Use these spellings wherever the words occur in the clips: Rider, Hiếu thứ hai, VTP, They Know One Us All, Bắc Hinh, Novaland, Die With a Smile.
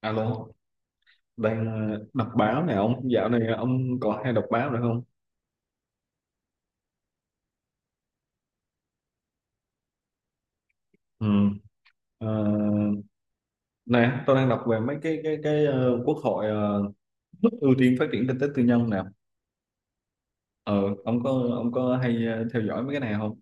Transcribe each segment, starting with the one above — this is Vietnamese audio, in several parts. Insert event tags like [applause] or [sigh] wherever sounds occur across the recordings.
Alo, đang đọc báo nè ông. Dạo này ông có hay đọc báo nữa không? Ừ. Ờ, nè, tôi đang đọc về mấy cái quốc hội ưu tiên phát triển kinh tế tư nhân nè. Ờ, ông có hay theo dõi mấy cái này không?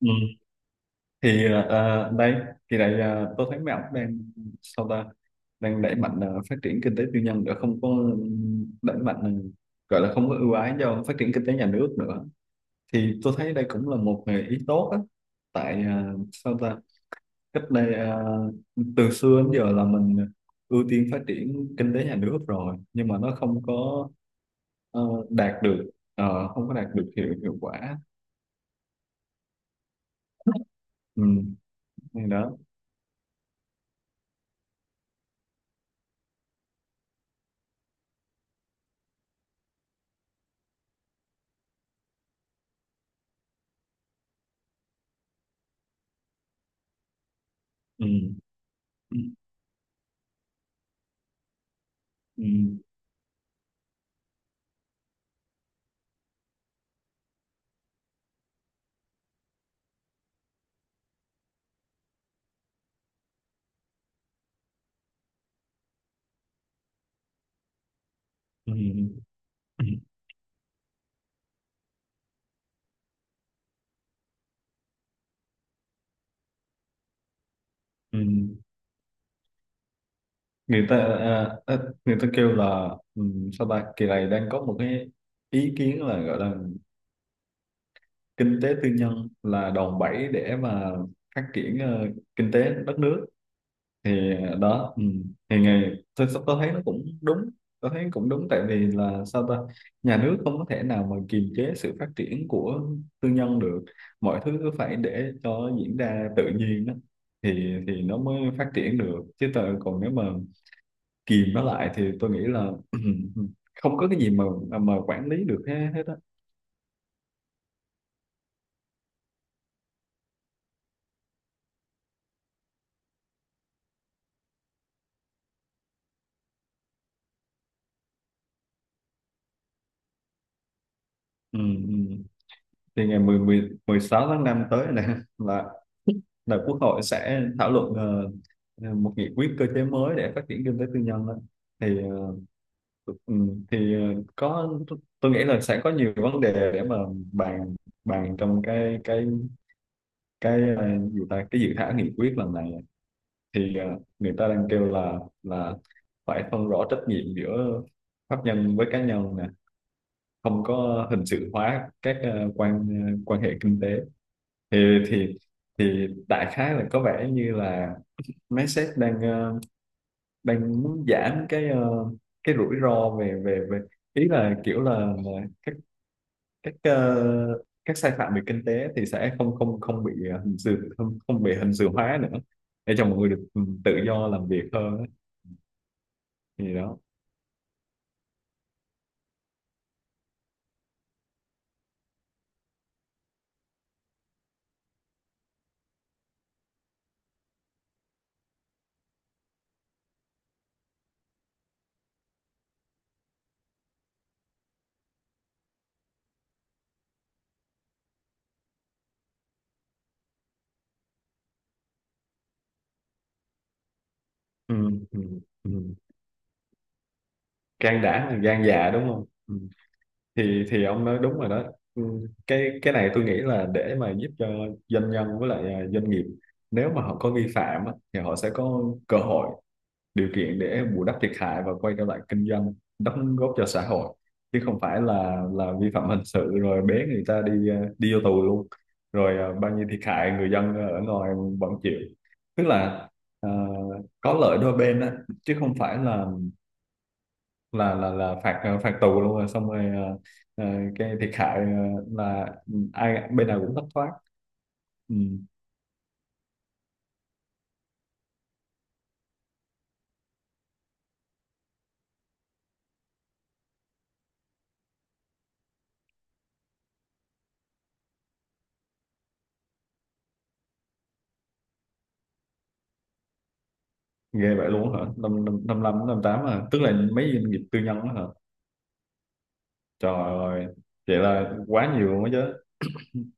Ừ. Thì đây, thì này tôi thấy mấy ông đang sao ta đang đẩy mạnh phát triển kinh tế tư nhân để không có đẩy mạnh gọi là không có ưu ái cho phát triển kinh tế nhà nước nữa, thì tôi thấy đây cũng là một nghề ý tốt á. Tại à, sao ta cách đây à, từ xưa đến giờ là mình ưu tiên phát triển kinh tế nhà nước rồi nhưng mà nó không có ờ, đạt được không có đạt được hiệu hiệu quả. Ừ, này đó. Ừ, ừ, ừ, ừ, ừ, ừ. Người ta người ta kêu là ừ, sao ta kỳ này đang có một cái ý kiến là gọi là kinh tế tư nhân là đòn bẩy để mà phát triển kinh tế đất nước, thì đó ừ. Thì ngày tôi thấy nó cũng đúng, tôi thấy cũng đúng tại vì là sao ta nhà nước không có thể nào mà kiềm chế sự phát triển của tư nhân được, mọi thứ cứ phải để cho diễn ra tự nhiên đó. Thì nó mới phát triển được chứ tôi, còn nếu mà kìm nó lại thì tôi nghĩ là [clears throat] không có cái gì mà quản lý được hết hết á. Ừ, ừ. Thì ngày 16 tháng 5 tới này là là Quốc hội sẽ thảo luận một nghị quyết cơ chế mới để phát triển kinh tế tư nhân á. Thì ừ, thì có, tôi nghĩ là sẽ có nhiều vấn đề để mà bàn bàn trong cái gì ta, cái dự thảo nghị quyết lần này. Thì người ta đang kêu là phải phân rõ trách nhiệm giữa pháp nhân với cá nhân nè, không có hình sự hóa các quan hệ kinh tế. Thì thì thì đại khái là có vẻ như là mấy sếp đang đang muốn giảm cái rủi ro về về về ý là kiểu là là các các sai phạm về kinh tế thì sẽ không không không bị ờ, hình sự không không bị hình sự hóa nữa, để cho mọi người được ừ, tự do làm việc hơn á. Thì đó. Ừ, ừ, ừ. Gan đã là gan dạ, đúng không. Ừ. Thì ông nói đúng rồi đó. Ừ, cái này tôi nghĩ là để mà giúp cho doanh nhân với lại à, doanh nghiệp nếu mà họ có vi phạm á, thì họ sẽ có cơ hội, điều kiện để bù đắp thiệt hại và quay trở lại kinh doanh, đóng góp cho xã hội, chứ không phải là vi phạm hình sự rồi bế người ta đi à, đi vô tù luôn. Rồi à, bao nhiêu thiệt hại người dân ở ngoài vẫn chịu, tức là à, có lợi đôi bên á, chứ không phải là là phạt phạt tù luôn rồi xong rồi ờ, cái thiệt hại là ừ, ai bên nào cũng thất thoát. Ừ. Ghê vậy luôn hả, năm năm năm năm năm tám hả, tức là mấy doanh nghiệp tư nhân đó hả. Trời ơi, vậy là quá nhiều luôn đó chứ,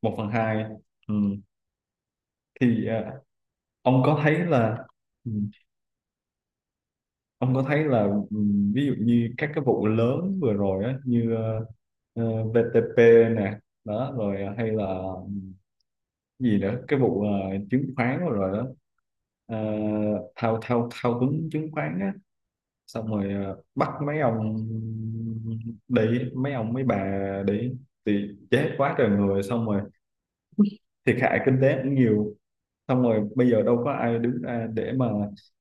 một phần hai. Ừ. Thì ông có thấy là ừ, ông có thấy là ừ, ví dụ như các cái vụ lớn vừa rồi á như VTP nè đó, rồi hay là gì nữa cái vụ chứng khoán rồi rồi đó. Ờ, thao thao thao túng chứng khoán á, xong rồi bắt mấy ông để mấy ông mấy bà để, thì chết quá trời người, xong rồi thiệt hại kinh tế cũng nhiều, xong rồi bây giờ đâu có ai đứng ra để mà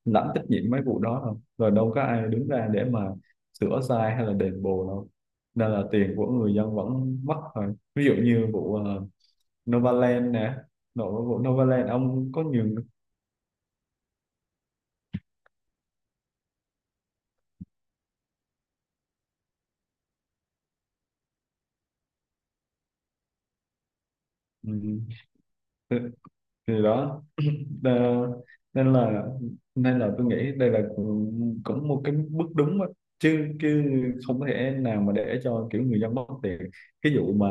lãnh trách nhiệm mấy vụ đó đâu, rồi đâu có ai đứng ra để mà sửa sai hay là đền bù đâu. Nên là tiền của người dân vẫn mất, rồi ví dụ như vụ Novaland nè, nội vụ Novaland ông có nhiều. Ừ, thì thì đó. Ờ, nên là nên là tôi nghĩ đây là cũng cũng một cái bước đúng á. Chứ chứ không có thể nào mà để cho kiểu người dân mất tiền. Cái vụ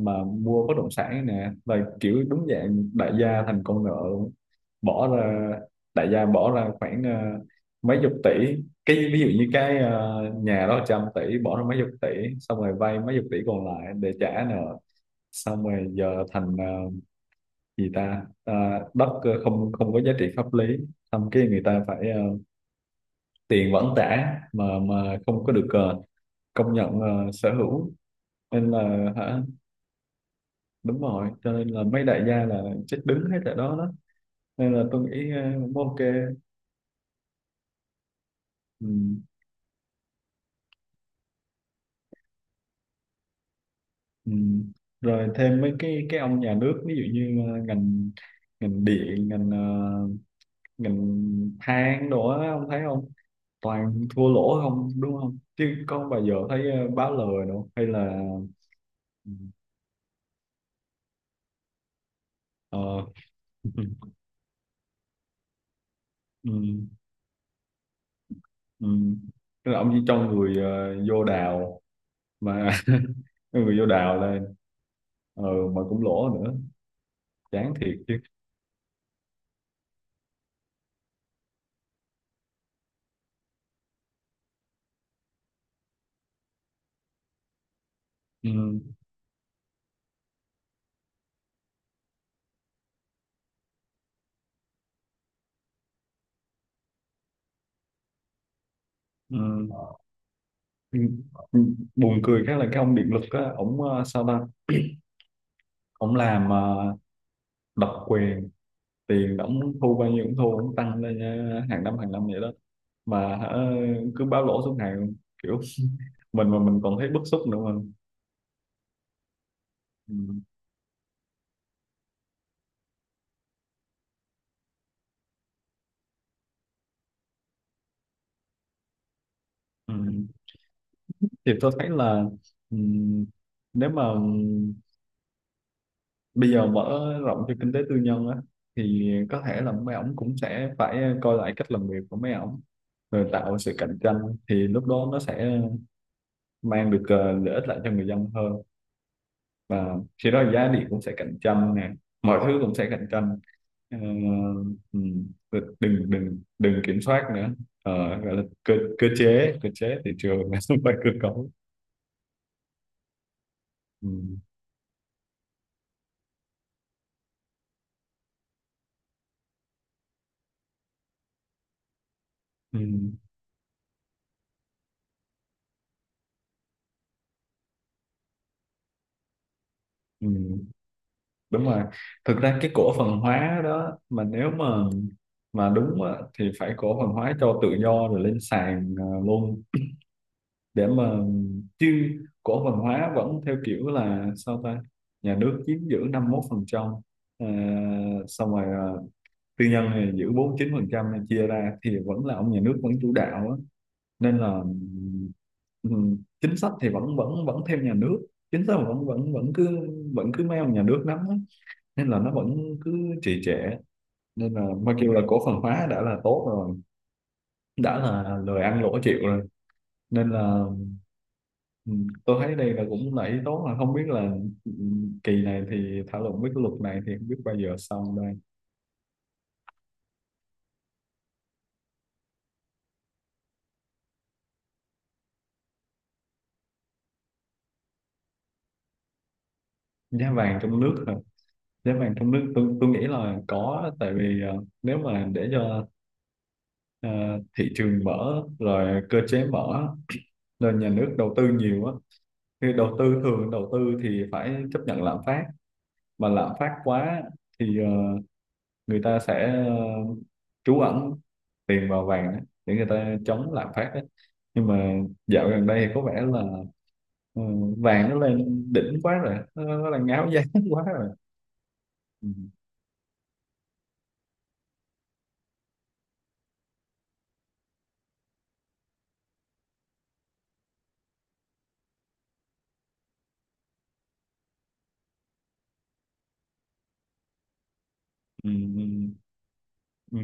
mà mua bất động sản nè là kiểu đúng dạng đại gia thành con nợ luôn. Bỏ ra, đại gia bỏ ra khoảng mấy chục tỷ, cái ví dụ như nhà đó 100 tỷ, bỏ ra mấy chục tỷ xong rồi vay mấy chục tỷ còn lại để trả nợ, xong rồi giờ thành gì ta, ờ, đất không không có giá trị pháp lý, xong cái người ta phải tiền vẫn trả mà không có được công nhận sở hữu. Nên là hả, đúng rồi, cho nên là mấy đại gia là chết đứng hết tại đó đó. Nên là tôi nghĩ cũng ok. Ừ, ừ. Rồi thêm mấy cái ông nhà nước, ví dụ như ờ, ngành ngành điện, ngành ờ, ngành than đồ á, ông thấy không, toàn thua lỗ không, đúng không, chứ có bao giờ thấy báo lời đâu, hay là ờ. [laughs] ừ, ừ. Tức là ông chỉ cho người vô đào mà, [laughs] người vô đào là ờ, mà cũng lỗ nữa, chán thiệt chứ. Ừ, ừ. Ừ. Ừ. Buồn cười khác là cái ông điện lực á, ổng sao ta ổng làm độc quyền, tiền ổng thu bao nhiêu cũng thu, ổng tăng lên hàng năm vậy đó mà hả, cứ báo lỗ suốt ngày kiểu, [laughs] mình mà mình còn thấy bức xúc nữa mà. Ừ. Ừ. Thì tôi thấy là ừ, nếu mà bây giờ mở rộng cho kinh tế tư nhân á, thì có thể là mấy ổng cũng sẽ phải coi lại cách làm việc của mấy ổng, rồi tạo sự cạnh tranh, thì lúc đó nó sẽ mang được lợi ích lại cho người dân hơn. Và khi đó giá điện cũng sẽ cạnh tranh nè, mọi thứ cũng sẽ cạnh tranh. Ờ, ừ, đừng đừng đừng kiểm soát nữa. Ờ, gọi là cơ cơ chế thị trường, [laughs] là không phải cơ cấu. Ừ, ừ, ừ, đúng rồi, thực ra cái cổ phần hóa đó mà nếu mà đúng á, thì phải cổ phần hóa cho tự do rồi lên sàn luôn. Để mà, chứ cổ phần hóa vẫn theo kiểu là sao ta nhà nước chiếm giữ 51%, xong rồi tư nhân thì giữ 49% này, chia ra thì vẫn là ông nhà nước vẫn chủ đạo á. Nên là ừ, chính sách thì vẫn vẫn vẫn theo nhà nước, chính sách vẫn vẫn vẫn cứ mấy ông nhà nước nắm á. Nên là nó vẫn cứ trì trệ. Nên là mà kêu là cổ phần hóa đã là tốt rồi, đã là lời ăn lỗ chịu rồi. Nên là ừ, tôi thấy đây là cũng là ý tốt, mà không biết là ừ, kỳ này thì thảo luận với cái luật này thì không biết bao giờ xong đây. Giá vàng trong nước. Giá vàng trong nước, tôi nghĩ là có, tại vì nếu mà để cho ờ, thị trường mở rồi cơ chế mở, nên nhà nước đầu tư nhiều á, thì đầu tư thường đầu tư thì phải chấp nhận lạm phát, mà lạm phát quá thì người ta sẽ trú ẩn tiền vào vàng á, để người ta chống lạm phát á. Nhưng mà dạo gần đây thì có vẻ là ờ, vàng nó lên đỉnh quá rồi, nó đang ngáo giá [laughs] quá rồi. Ừ, ừ, ừ, ừ.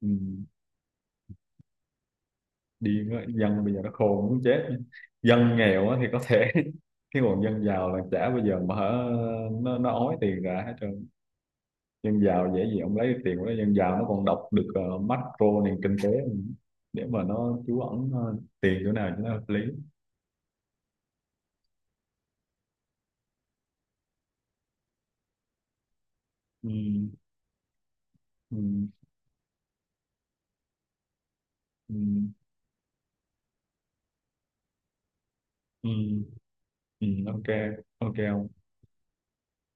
Ừ. Điên á, dân bây giờ nó khôn muốn chết, dân nghèo á thì có thể, [laughs] cái còn dân giàu là chả bao giờ mà hả, nó ói tiền ra hết trơn. Dân giàu dễ gì ông lấy được tiền của nó, dân giàu nó còn đọc được macro nền kinh tế, để mà nó trú ẩn tiền chỗ nào cho nó hợp lý. Ừ, ừ, ừ, ừ, ừ, ok. Ok ông.